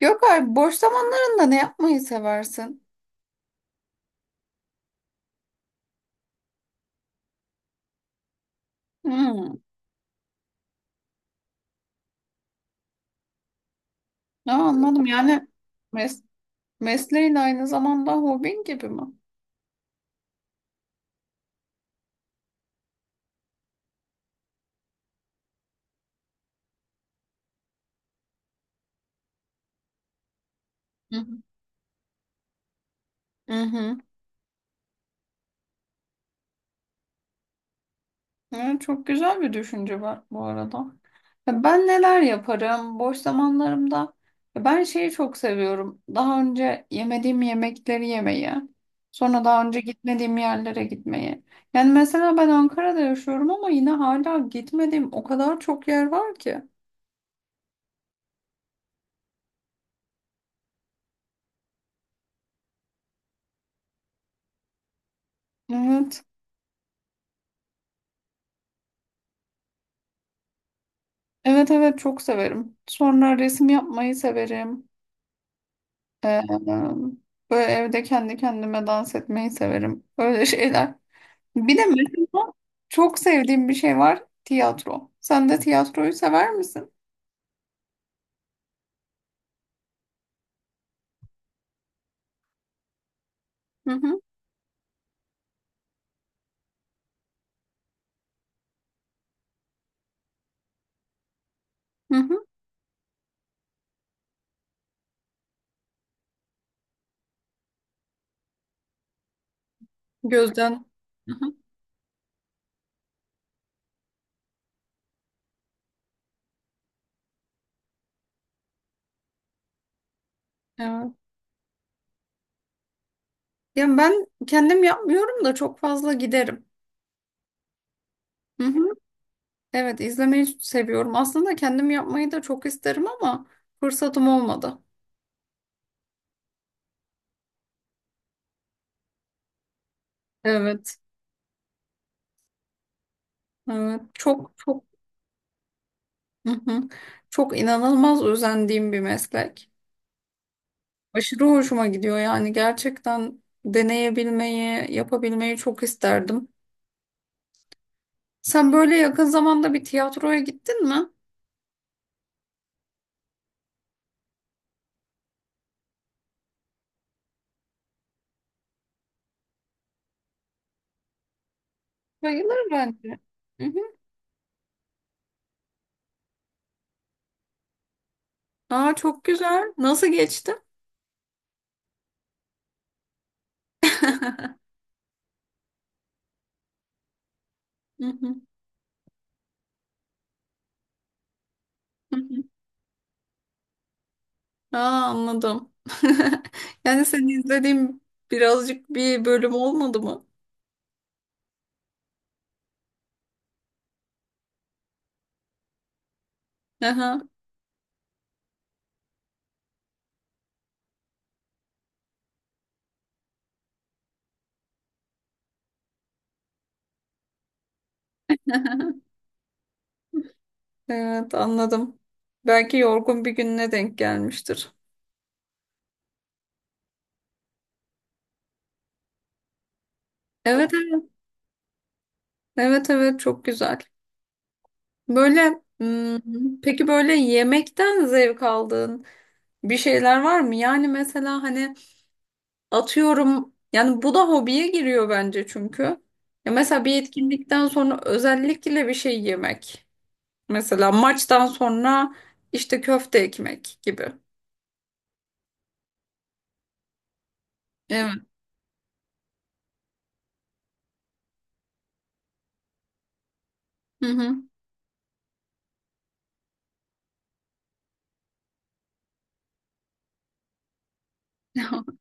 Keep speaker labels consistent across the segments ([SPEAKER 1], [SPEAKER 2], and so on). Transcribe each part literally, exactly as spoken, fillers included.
[SPEAKER 1] Yok abi, boş zamanlarında ne yapmayı seversin? Hmm. Ne anladım yani mes mesleğin aynı zamanda hobin gibi mi? Hı hı. Hı hı. Evet, çok güzel bir düşünce var bu arada. Ya ben neler yaparım boş zamanlarımda? Ya ben şeyi çok seviyorum. Daha önce yemediğim yemekleri yemeyi. Sonra daha önce gitmediğim yerlere gitmeyi. Yani mesela ben Ankara'da yaşıyorum ama yine hala gitmediğim o kadar çok yer var ki. Evet. Evet evet, çok severim. Sonra resim yapmayı severim. Ee, Böyle evde kendi kendime dans etmeyi severim. Öyle şeyler. Bir de mesela çok sevdiğim bir şey var. Tiyatro. Sen de tiyatroyu sever misin? Hı hı, hı hı. Gözden. Hı hı. Evet. Ya ben kendim yapmıyorum da çok fazla giderim. Hı hı. Evet, izlemeyi seviyorum. Aslında kendim yapmayı da çok isterim ama fırsatım olmadı. Evet. Evet. Çok çok. Hı hı. Çok inanılmaz özendiğim bir meslek. Aşırı hoşuma gidiyor yani, gerçekten deneyebilmeyi, yapabilmeyi çok isterdim. Sen böyle yakın zamanda bir tiyatroya gittin mi? Bayılır bence. Hı hı. Aa, çok güzel. Nasıl geçti? Hı hı. Hı hı. Aa, anladım. Yani seni izlediğim birazcık bir bölüm olmadı mı? Aha, evet, anladım. Belki yorgun bir gününe denk gelmiştir. Evet evet. Evet evet, çok güzel. Böyle hmm, peki böyle yemekten zevk aldığın bir şeyler var mı? Yani mesela hani atıyorum yani, bu da hobiye giriyor bence çünkü. Ya mesela bir etkinlikten sonra özellikle bir şey yemek. Mesela maçtan sonra işte köfte ekmek gibi. Evet. Hı hı.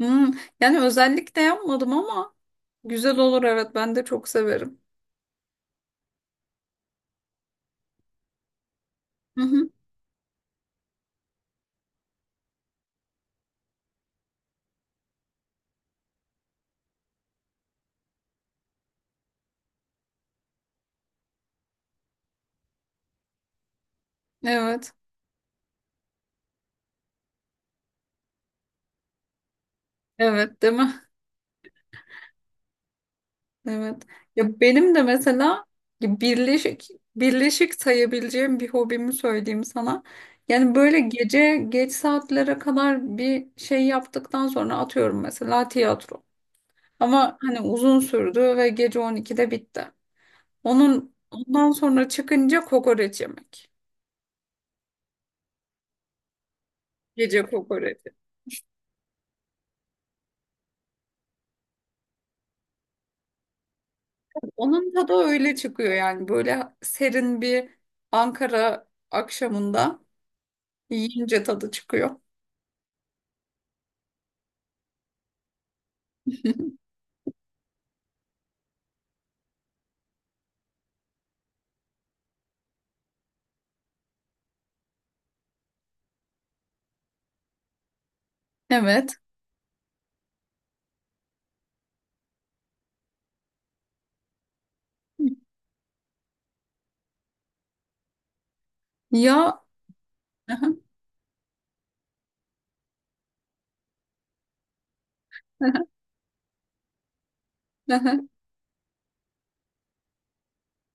[SPEAKER 1] Hmm. Yani özellikle yapmadım ama güzel olur, evet, ben de çok severim. Hı hı. Evet. Evet, değil mi? Evet. Ya benim de mesela birleşik birleşik sayabileceğim bir hobimi söyleyeyim sana. Yani böyle gece geç saatlere kadar bir şey yaptıktan sonra atıyorum mesela tiyatro. Ama hani uzun sürdü ve gece on ikide bitti. Onun ondan sonra çıkınca kokoreç yemek. Gece kokoreç. Onun tadı öyle çıkıyor yani, böyle serin bir Ankara akşamında yiyince tadı çıkıyor. Evet. Ya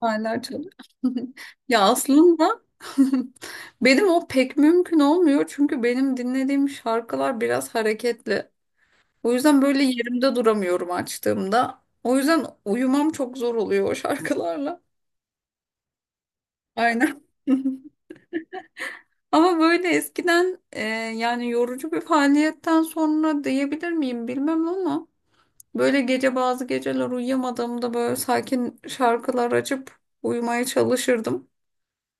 [SPEAKER 1] hala çalıyor. Ya aslında benim o pek mümkün olmuyor çünkü benim dinlediğim şarkılar biraz hareketli. O yüzden böyle yerimde duramıyorum açtığımda. O yüzden uyumam çok zor oluyor o şarkılarla. Aynen. Ama böyle eskiden e, yani yorucu bir faaliyetten sonra diyebilir miyim bilmem ama böyle gece, bazı geceler uyuyamadığımda böyle sakin şarkılar açıp uyumaya çalışırdım.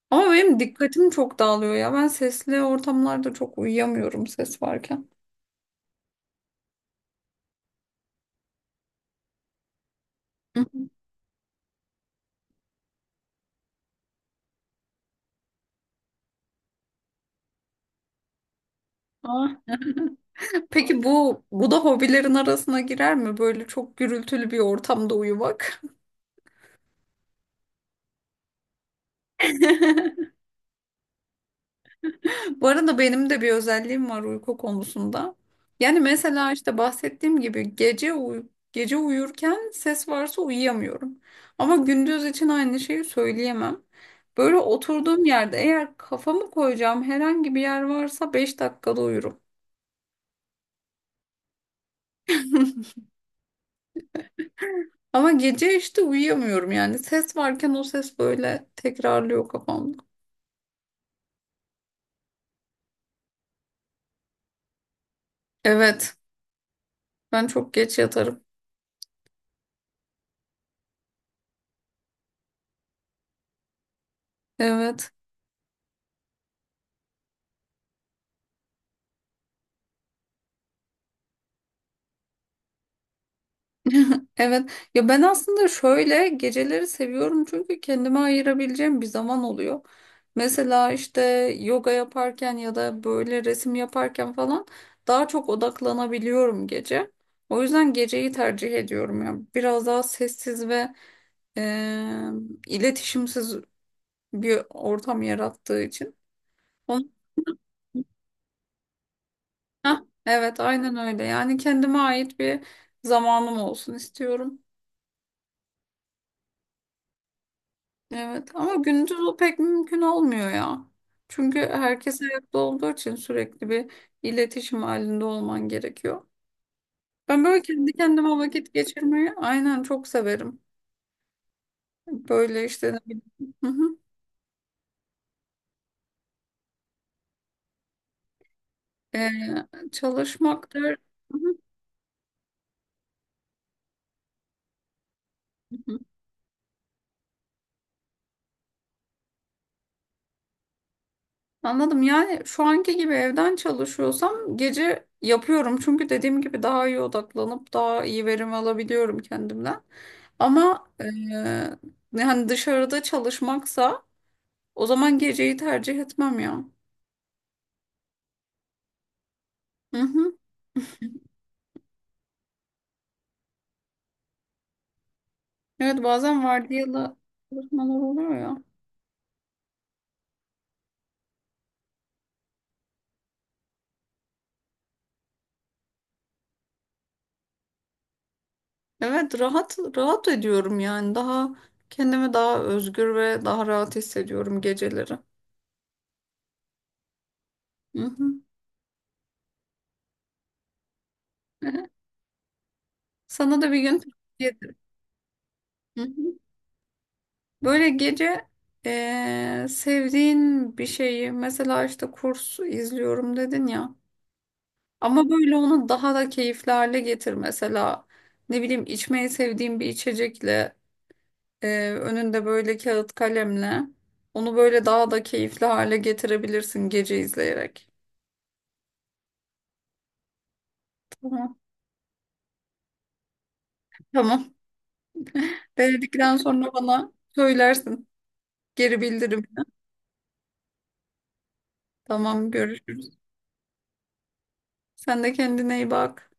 [SPEAKER 1] Ama benim dikkatim çok dağılıyor ya. Ben sesli ortamlarda çok uyuyamıyorum, ses varken. Hı. Aa. Peki bu bu da hobilerin arasına girer mi? Böyle çok gürültülü bir ortamda uyumak. Bu arada benim de bir özelliğim var uyku konusunda. Yani mesela işte bahsettiğim gibi gece uy- gece uyurken ses varsa uyuyamıyorum. Ama gündüz için aynı şeyi söyleyemem. Böyle oturduğum yerde eğer kafamı koyacağım herhangi bir yer varsa beş dakikada uyurum. Ama gece işte uyuyamıyorum yani. Ses varken o ses böyle tekrarlıyor kafamda. Evet. Ben çok geç yatarım. Evet. Evet. Ya ben aslında şöyle, geceleri seviyorum çünkü kendime ayırabileceğim bir zaman oluyor. Mesela işte yoga yaparken ya da böyle resim yaparken falan daha çok odaklanabiliyorum gece. O yüzden geceyi tercih ediyorum ya. Biraz daha sessiz ve eee, iletişimsiz bir ortam yarattığı için. Onu heh, evet, aynen öyle. Yani kendime ait bir zamanım olsun istiyorum. Evet ama gündüz o pek mümkün olmuyor ya. Çünkü herkes ayakta olduğu için sürekli bir iletişim halinde olman gerekiyor. Ben böyle kendi kendime vakit geçirmeyi aynen çok severim. Böyle işte ne bileyim, hı hı. Ee, çalışmak der. Hı hı. Anladım. Yani şu anki gibi evden çalışıyorsam gece yapıyorum. Çünkü dediğim gibi daha iyi odaklanıp daha iyi verim alabiliyorum kendimden. Ama eee yani dışarıda çalışmaksa o zaman geceyi tercih etmem ya. Hı hı. Evet, bazen vardiyalı çalışmalar oluyor ya. Evet, rahat rahat ediyorum yani, daha kendimi daha özgür ve daha rahat hissediyorum geceleri. Hı hı. Sana da bir gün tavsiye ederim. Böyle gece eee, sevdiğin bir şeyi, mesela işte kurs izliyorum dedin ya, ama böyle onu daha da keyifli hale getir, mesela ne bileyim içmeyi sevdiğin bir içecekle, eee, önünde böyle kağıt kalemle, onu böyle daha da keyifli hale getirebilirsin gece izleyerek. Tamam. Tamam. Denedikten sonra bana söylersin, geri bildirimle. Tamam, görüşürüz. Sen de kendine iyi bak.